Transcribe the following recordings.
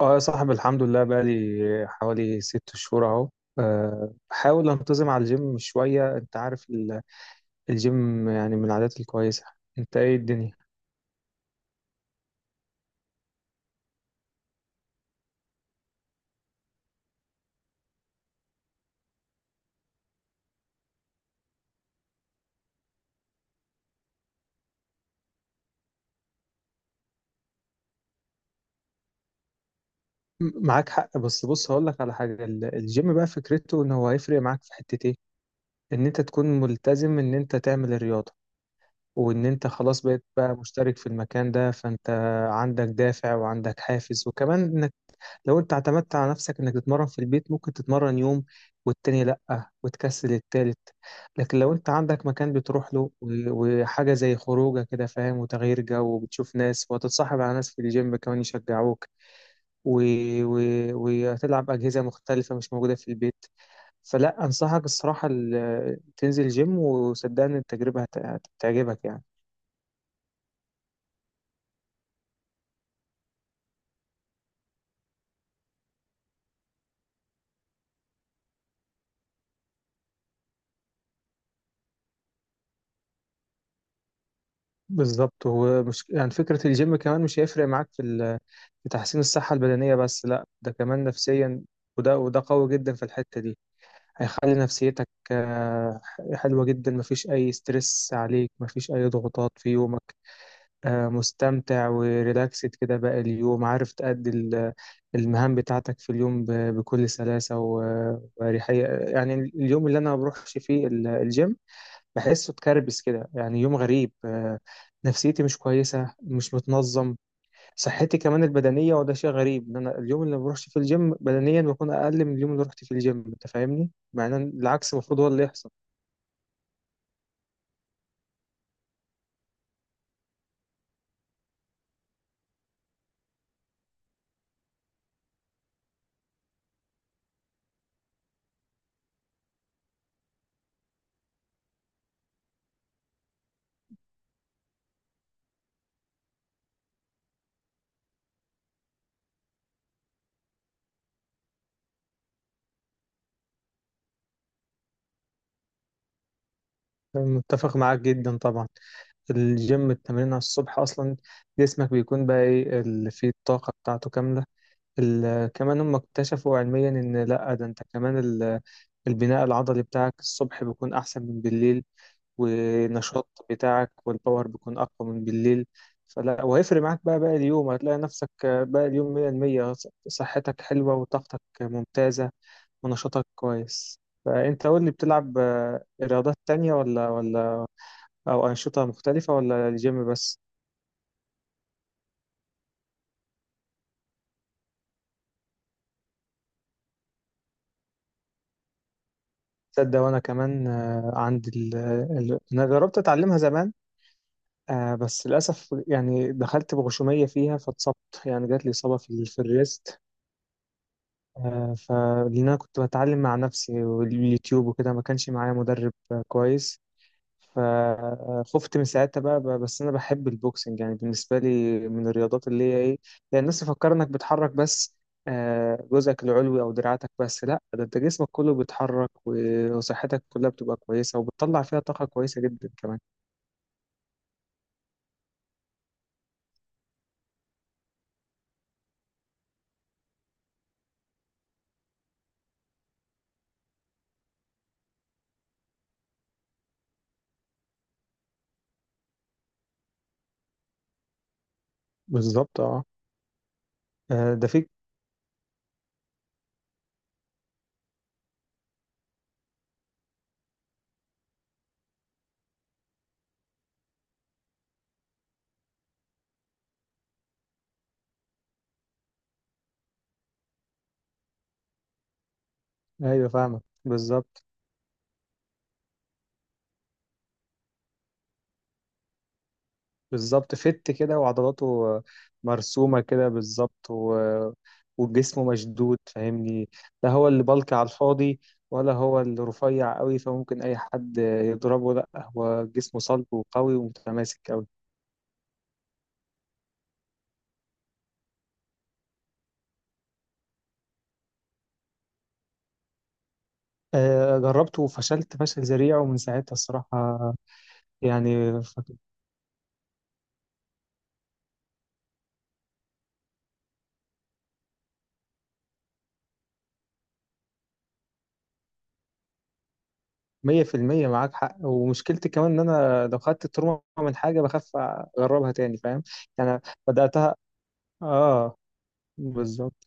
اه يا صاحبي، الحمد لله بقالي حوالي 6 شهور اهو. بحاول انتظم على الجيم شوية. انت عارف الجيم يعني من العادات الكويسة. انت ايه الدنيا؟ معاك حق، بس بص هقول لك على حاجة. الجيم بقى فكرته ان هو هيفرق معاك في حتة ايه؟ ان انت تكون ملتزم ان انت تعمل الرياضة، وان انت خلاص بقيت بقى مشترك في المكان ده، فانت عندك دافع وعندك حافز. وكمان لو انت اعتمدت على نفسك انك تتمرن في البيت، ممكن تتمرن يوم والتاني لأ وتكسل التالت. لكن لو انت عندك مكان بتروح له وحاجة زي خروجه كده، فاهم، وتغيير جو وبتشوف ناس، وهتتصاحب على ناس في الجيم كمان يشجعوك، و... و... وهتلعب أجهزة مختلفة مش موجودة في البيت. فلا أنصحك الصراحة تنزل جيم، وصدقني التجربة هتعجبك يعني. بالظبط، هو مش يعني فكرة الجيم كمان مش هيفرق معاك في تحسين الصحة البدنية بس، لا ده كمان نفسيا. وده قوي جدا في الحتة دي. هيخلي نفسيتك حلوة جدا، مفيش أي ستريس عليك، مفيش أي ضغوطات في يومك. مستمتع وريلاكسد كده باقي اليوم، عارف تأدي المهام بتاعتك في اليوم بكل سلاسة وأريحية. يعني اليوم اللي أنا ما بروحش فيه الجيم بحسه اتكربس كده، يعني يوم غريب. نفسيتي مش كويسة، مش متنظم، صحتي كمان البدنية. وده شيء غريب ان انا اليوم اللي ما بروحش فيه الجيم بدنيا بكون اقل من اليوم اللي رحت فيه الجيم، انت فاهمني، مع ان العكس المفروض هو اللي يحصل. متفق معاك جدا طبعا. الجيم التمرين على الصبح اصلا جسمك بيكون بقى ايه اللي فيه الطاقة بتاعته كاملة. كمان هم اكتشفوا علميا ان لا ده انت كمان البناء العضلي بتاعك الصبح بيكون احسن من بالليل، ونشاط بتاعك والباور بيكون أقوى من بالليل. فلا، وهيفرق معاك بقى باقي اليوم، هتلاقي نفسك باقي اليوم 100%، صحتك حلوة وطاقتك ممتازة ونشاطك كويس. فأنت قول لي، بتلعب رياضات تانية ولا أو أنشطة مختلفة ولا الجيم بس؟ تصدق وأنا كمان، عندي أنا جربت أتعلمها زمان. آه، بس للأسف يعني دخلت بغشومية فيها فاتصبت. يعني جات لي إصابة في الريست. فلأن أنا كنت بتعلم مع نفسي واليوتيوب وكده، ما كانش معايا مدرب كويس. فخفت من ساعتها بقى بس أنا بحب البوكسنج. يعني بالنسبة لي من الرياضات اللي هي إيه، يعني الناس تفكر إنك بتحرك بس جزءك العلوي أو دراعاتك بس. لأ، ده أنت جسمك كله بيتحرك وصحتك كلها بتبقى كويسة، وبتطلع فيها طاقة كويسة جدا كمان. بالظبط، اه. ده فيك. أيوه فاهمك بالظبط. بالظبط، فت كده وعضلاته مرسومة كده بالظبط، وجسمه مشدود فاهمني. لا هو اللي بلك على الفاضي، ولا هو اللي رفيع قوي فممكن أي حد يضربه. لا، هو جسمه صلب وقوي ومتماسك قوي. آه، جربته وفشلت فشل ذريع، ومن ساعتها الصراحة، يعني ف- مية في المية معاك حق. ومشكلتي كمان إن أنا لو خدت التروما من حاجة بخاف أجربها تاني، فاهم يعني. بدأتها، آه، بالظبط،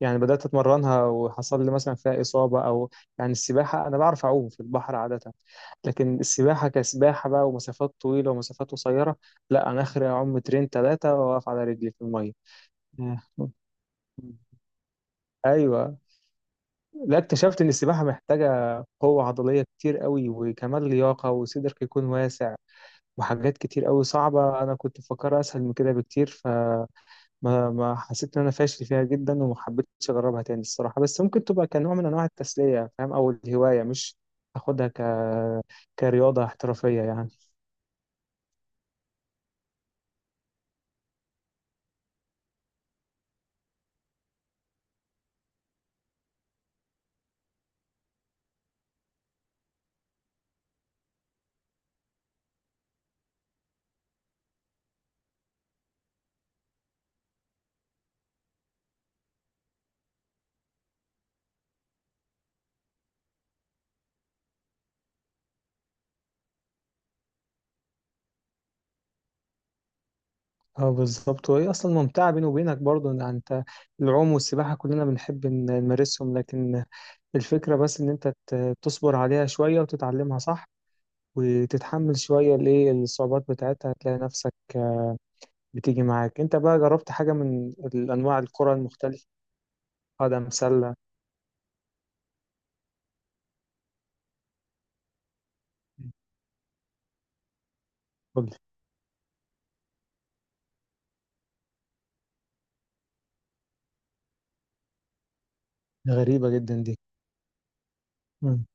يعني بدأت أتمرنها وحصل لي مثلا فيها إصابة. أو يعني السباحة، أنا بعرف أعوم في البحر عادة، لكن السباحة كسباحة بقى، ومسافات طويلة ومسافات قصيرة، لا، أنا آخري أعوم 2 3 متر وأقف على رجلي في المية. ياه، أيوة. لا، اكتشفت إن السباحة محتاجة قوة عضلية كتير قوي، وكمان لياقة، وصدرك يكون واسع، وحاجات كتير قوي صعبة. أنا كنت مفكرها أسهل من كده بكتير، ف ما حسيت ان انا فاشل فيها جدا وما حبيتش اجربها تاني الصراحه. بس ممكن تبقى كنوع من انواع التسليه فاهم، او الهوايه، مش اخدها ك كرياضه احترافيه يعني. اه بالظبط، وهي اصلا ممتعه. بيني وبينك برضو ان انت العوم والسباحه كلنا بنحب نمارسهم، لكن الفكره بس ان انت تصبر عليها شويه وتتعلمها صح، وتتحمل شويه الايه الصعوبات بتاعتها، هتلاقي نفسك بتيجي معاك. انت بقى جربت حاجه من الانواع الكره المختلفه؟ قدم سله؟ قول. غريبة جدا دي. مم.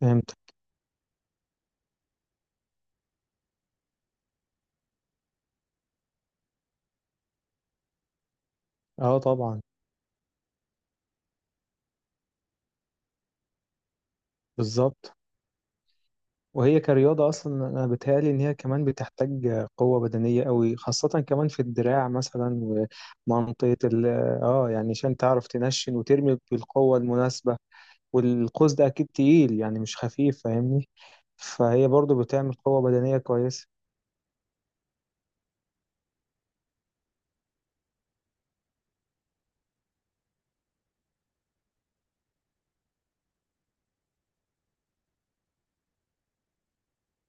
فهمت. اه طبعا. بالظبط. وهي كرياضة أصلا أنا بتهيألي إن هي كمان بتحتاج قوة بدنية قوي، خاصة كمان في الدراع مثلا، ومنطقة ال اه، يعني عشان تعرف تنشن وترمي بالقوة المناسبة. والقوس ده أكيد تقيل يعني مش خفيف فاهمني. فهي برضو بتعمل قوة بدنية كويسة.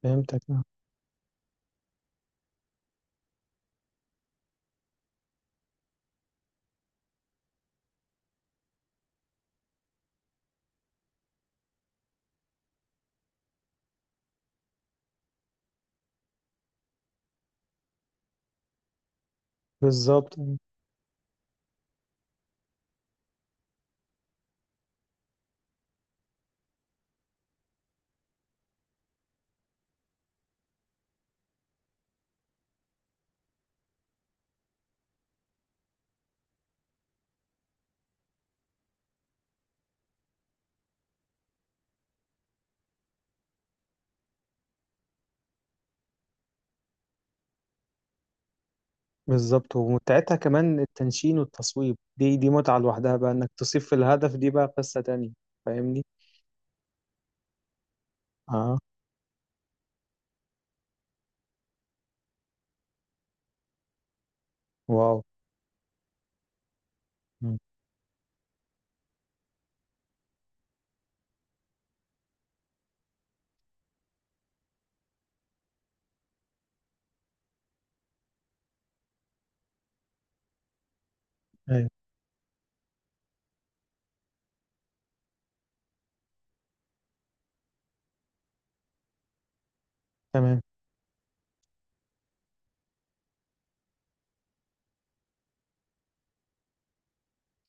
فهمتك آه. بالظبط. بالظبط، ومتعتها كمان التنشين والتصويب، دي متعة لوحدها، بقى إنك تصيب في الهدف دي بقى قصة تانية. فاهمني، اه. واو. مم. ايوه. تمام.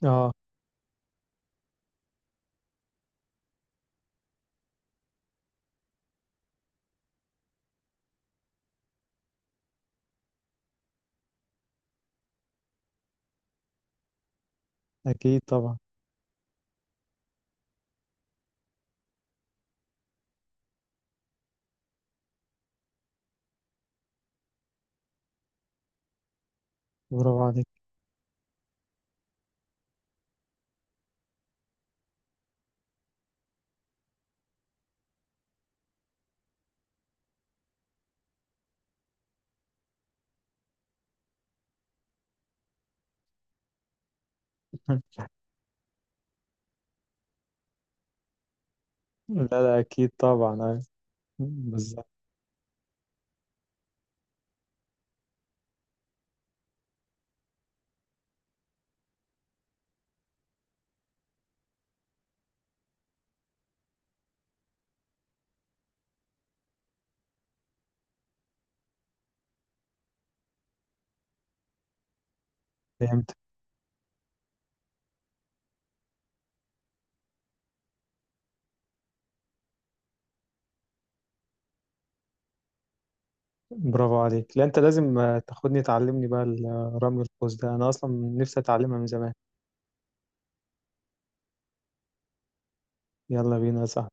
اه. اكيد طبعا. برافو عليك. لا لا، اكيد طبعا، أيوة. بالظبط. فهمت. برافو عليك. لا انت لازم تاخدني تعلمني بقى آه، رمي القوس ده، انا اصلا نفسي اتعلمها من زمان. يلا بينا صح.